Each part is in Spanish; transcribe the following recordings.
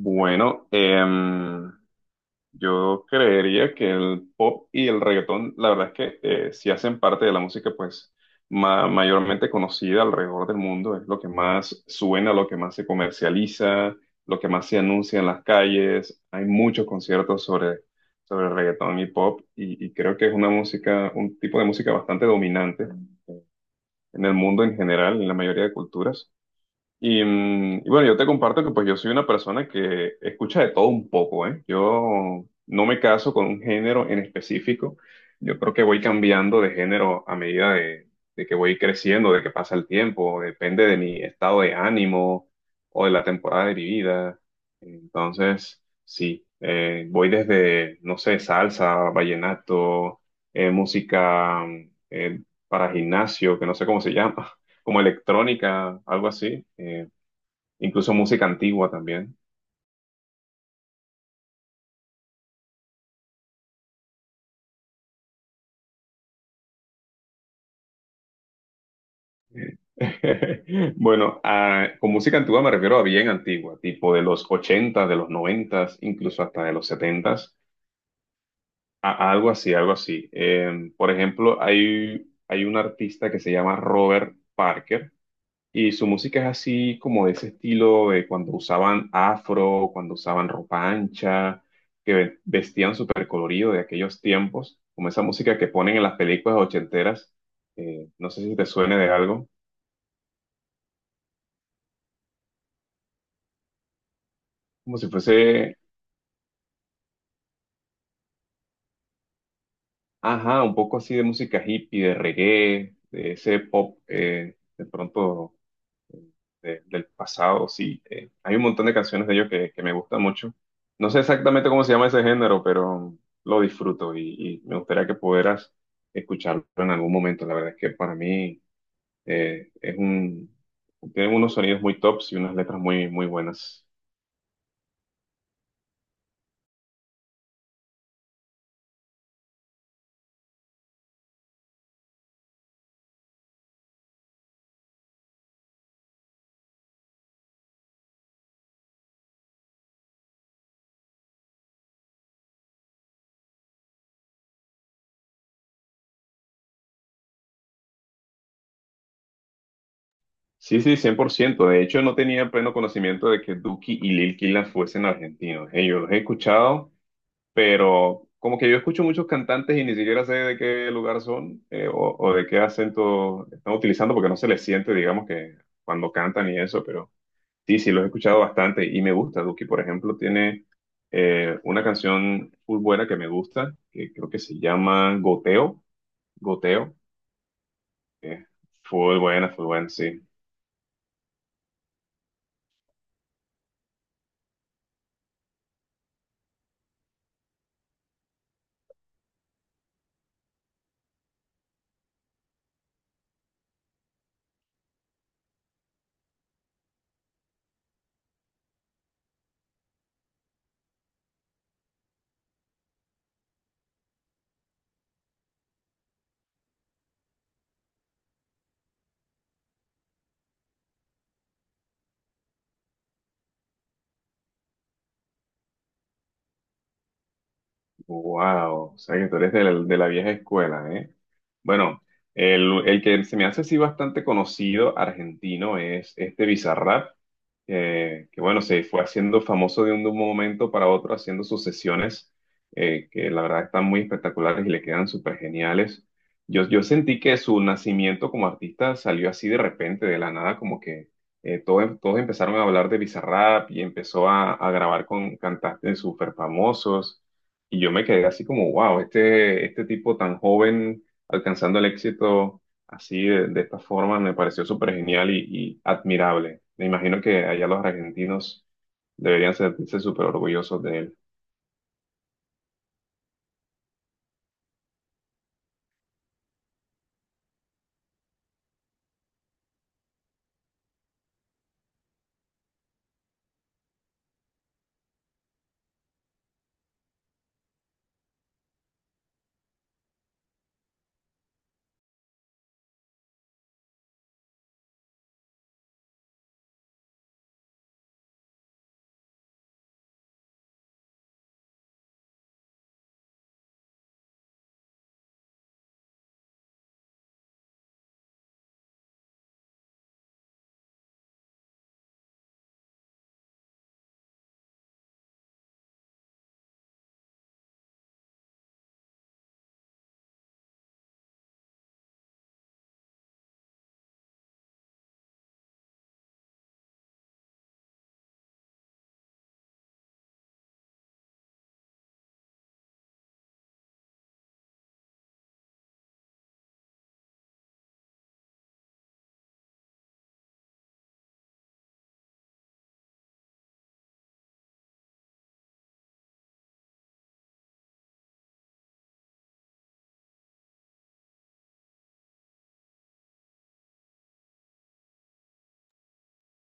Bueno, em, yo creería que el pop y el reggaetón, la verdad es que sí hacen parte de la música, pues mayormente conocida alrededor del mundo, es lo que más suena, lo que más se comercializa, lo que más se anuncia en las calles. Hay muchos conciertos sobre reggaetón y pop, y creo que es una música, un tipo de música bastante dominante en el mundo en general, en la mayoría de culturas. Y bueno, yo te comparto que pues yo soy una persona que escucha de todo un poco, ¿eh? Yo no me caso con un género en específico. Yo creo que voy cambiando de género a medida de que voy creciendo, de que pasa el tiempo. Depende de mi estado de ánimo o de la temporada de mi vida. Entonces, sí, voy desde, no sé, salsa, vallenato, eh, música mm, eh, para gimnasio, que no sé cómo se llama. Como electrónica, algo así, incluso música antigua también. Bueno, con música antigua me refiero a bien antigua, tipo de los 80 de los 90 incluso hasta de los 70, a algo así, algo así. Por ejemplo, hay un artista que se llama Robert Parker. Y su música es así como de ese estilo de cuando usaban afro, cuando usaban ropa ancha, que vestían súper colorido de aquellos tiempos, como esa música que ponen en las películas ochenteras. No sé si te suene de algo, como si fuese, ajá, un poco así de música hippie, de reggae, de ese pop, de pronto del pasado, sí. Hay un montón de canciones de ellos que me gustan mucho. No sé exactamente cómo se llama ese género, pero lo disfruto y me gustaría que pudieras escucharlo en algún momento. La verdad es que para mí eh, es un, tienen unos sonidos muy tops y unas letras muy, muy buenas. Sí, sí, cien por ciento. De hecho, no tenía pleno conocimiento de que Duki y Lil Killah fuesen argentinos. Yo los he escuchado, pero como que yo escucho muchos cantantes y ni siquiera sé de qué lugar son o de qué acento están utilizando porque no se les siente, digamos, que cuando cantan y eso, pero sí, sí, los he escuchado bastante y me gusta. Duki, por ejemplo, tiene una canción full buena que me gusta, que creo que se llama Goteo, eh, full buena, sí. Wow, o sea que tú eres de la vieja escuela, ¿eh? Bueno, el que se me hace así bastante conocido argentino es este Bizarrap, que bueno, se fue haciendo famoso de un momento para otro, haciendo sus sesiones, que la verdad están muy espectaculares y le quedan súper geniales. Yo sentí que su nacimiento como artista salió así de repente, de la nada, como que todos empezaron a hablar de Bizarrap y empezó a grabar con cantantes súper famosos. Y yo me quedé así como, wow, este tipo tan joven alcanzando el éxito así de esta forma me pareció súper genial y admirable. Me imagino que allá los argentinos deberían sentirse súper orgullosos de él.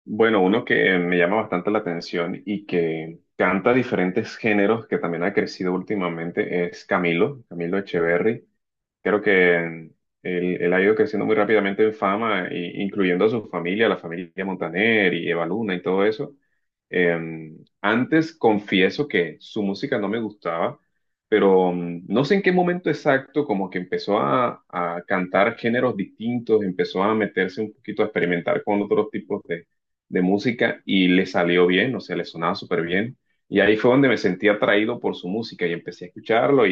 Bueno, uno que me llama bastante la atención y que canta diferentes géneros que también ha crecido últimamente es Camilo, Camilo Echeverry. Creo que él, Él ha ido creciendo muy rápidamente en fama, incluyendo a su familia, la familia Montaner y Eva Luna y todo eso. Eh, Antes confieso que su música no me gustaba, pero no sé en qué momento exacto como que empezó a cantar géneros distintos, empezó a meterse un poquito a experimentar con otros tipos de música y le salió bien, o sea, le sonaba súper bien. Y ahí fue donde me sentí atraído por su música y empecé a escucharlo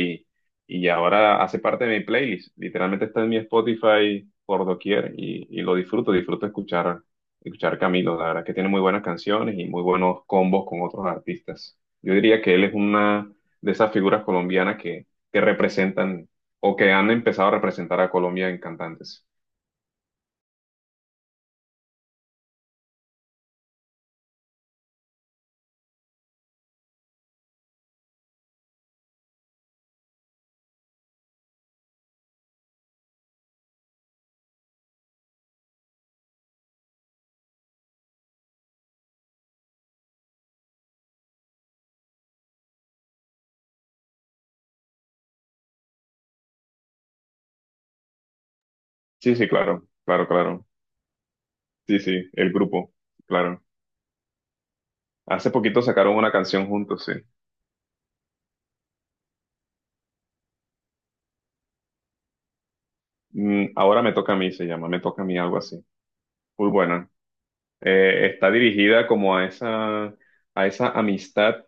y ahora hace parte de mi playlist. Literalmente está en mi Spotify por doquier y lo disfruto, disfruto escuchar, escuchar Camilo. La verdad que tiene muy buenas canciones y muy buenos combos con otros artistas. Yo diría que él es una de esas figuras colombianas que representan o que han empezado a representar a Colombia en cantantes. Sí, sí, claro, claro, claro. Sí, sí, el grupo, claro. Hace poquito sacaron una canción juntos, sí. Mm, ahora me toca a mí, se llama, me toca a mí algo así. Muy buena. Está dirigida como a esa amistad,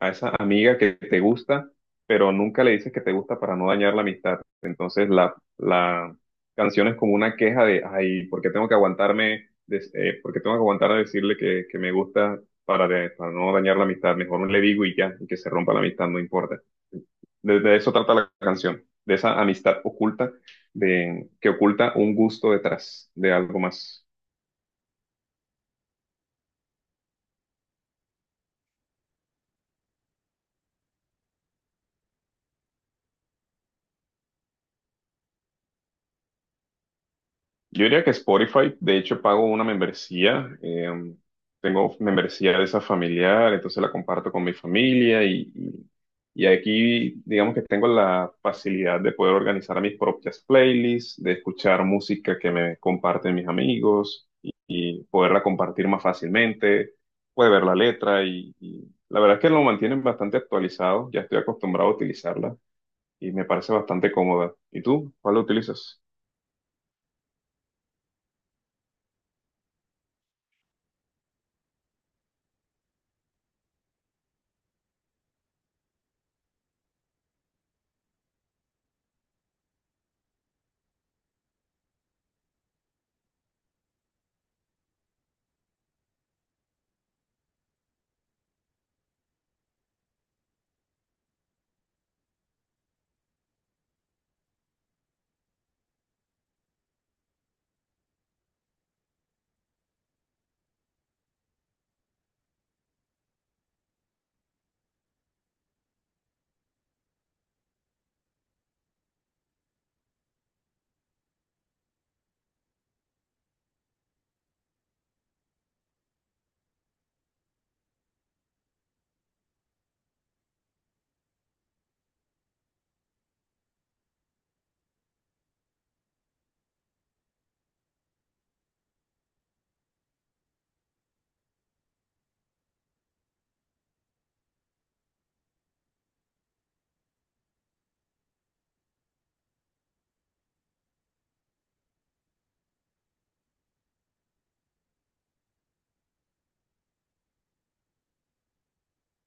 a esa amiga que te gusta, pero nunca le dices que te gusta para no dañar la amistad. Entonces la canción es como una queja de, ay, ¿por qué tengo que aguantarme, por qué tengo que aguantar a decirle que me gusta para no dañar la amistad? Mejor no le digo y ya, y que se rompa la amistad, no importa. De eso trata la canción, de esa amistad oculta, de, que oculta un gusto detrás de algo más. Yo diría que Spotify, de hecho, pago una membresía. Tengo membresía de esa familiar, entonces la comparto con mi familia y aquí, digamos que tengo la facilidad de poder organizar mis propias playlists, de escuchar música que me comparten mis amigos y poderla compartir más fácilmente. Puede ver la letra y la verdad es que lo mantienen bastante actualizado. Ya estoy acostumbrado a utilizarla y me parece bastante cómoda. ¿Y tú? ¿Cuál lo utilizas?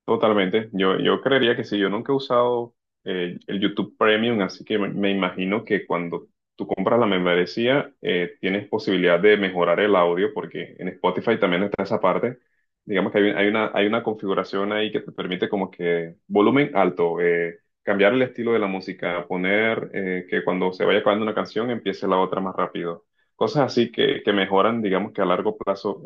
Totalmente. Yo creería que sí. Yo nunca he usado el YouTube Premium, así que me imagino que cuando tú compras la membresía, tienes posibilidad de mejorar el audio, porque en Spotify también está esa parte. Digamos que hay una configuración ahí que te permite como que volumen alto, cambiar el estilo de la música, poner que cuando se vaya acabando una canción empiece la otra más rápido. Cosas así que mejoran, digamos que a largo plazo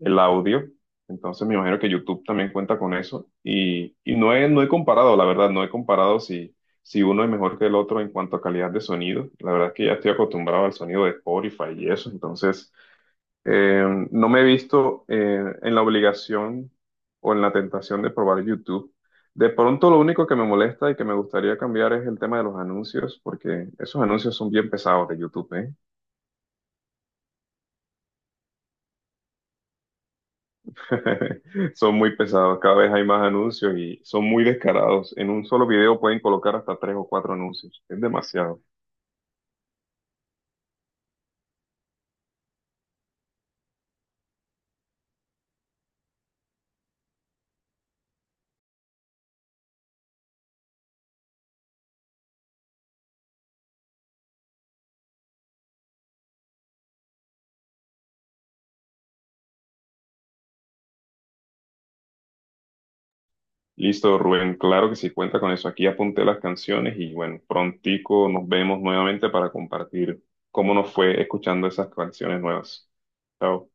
el audio. Entonces me imagino que YouTube también cuenta con eso. Y no he comparado, la verdad, no he comparado si, si uno es mejor que el otro en cuanto a calidad de sonido. La verdad es que ya estoy acostumbrado al sonido de Spotify y eso. Entonces, no me he visto en la obligación o en la tentación de probar YouTube. De pronto lo único que me molesta y que me gustaría cambiar es el tema de los anuncios, porque esos anuncios son bien pesados de YouTube, ¿eh? Son muy pesados, cada vez hay más anuncios y son muy descarados. En un solo video pueden colocar hasta tres o cuatro anuncios. Es demasiado. Listo, Rubén, claro que sí, cuenta con eso. Aquí apunté las canciones y bueno, prontico nos vemos nuevamente para compartir cómo nos fue escuchando esas canciones nuevas. Chao.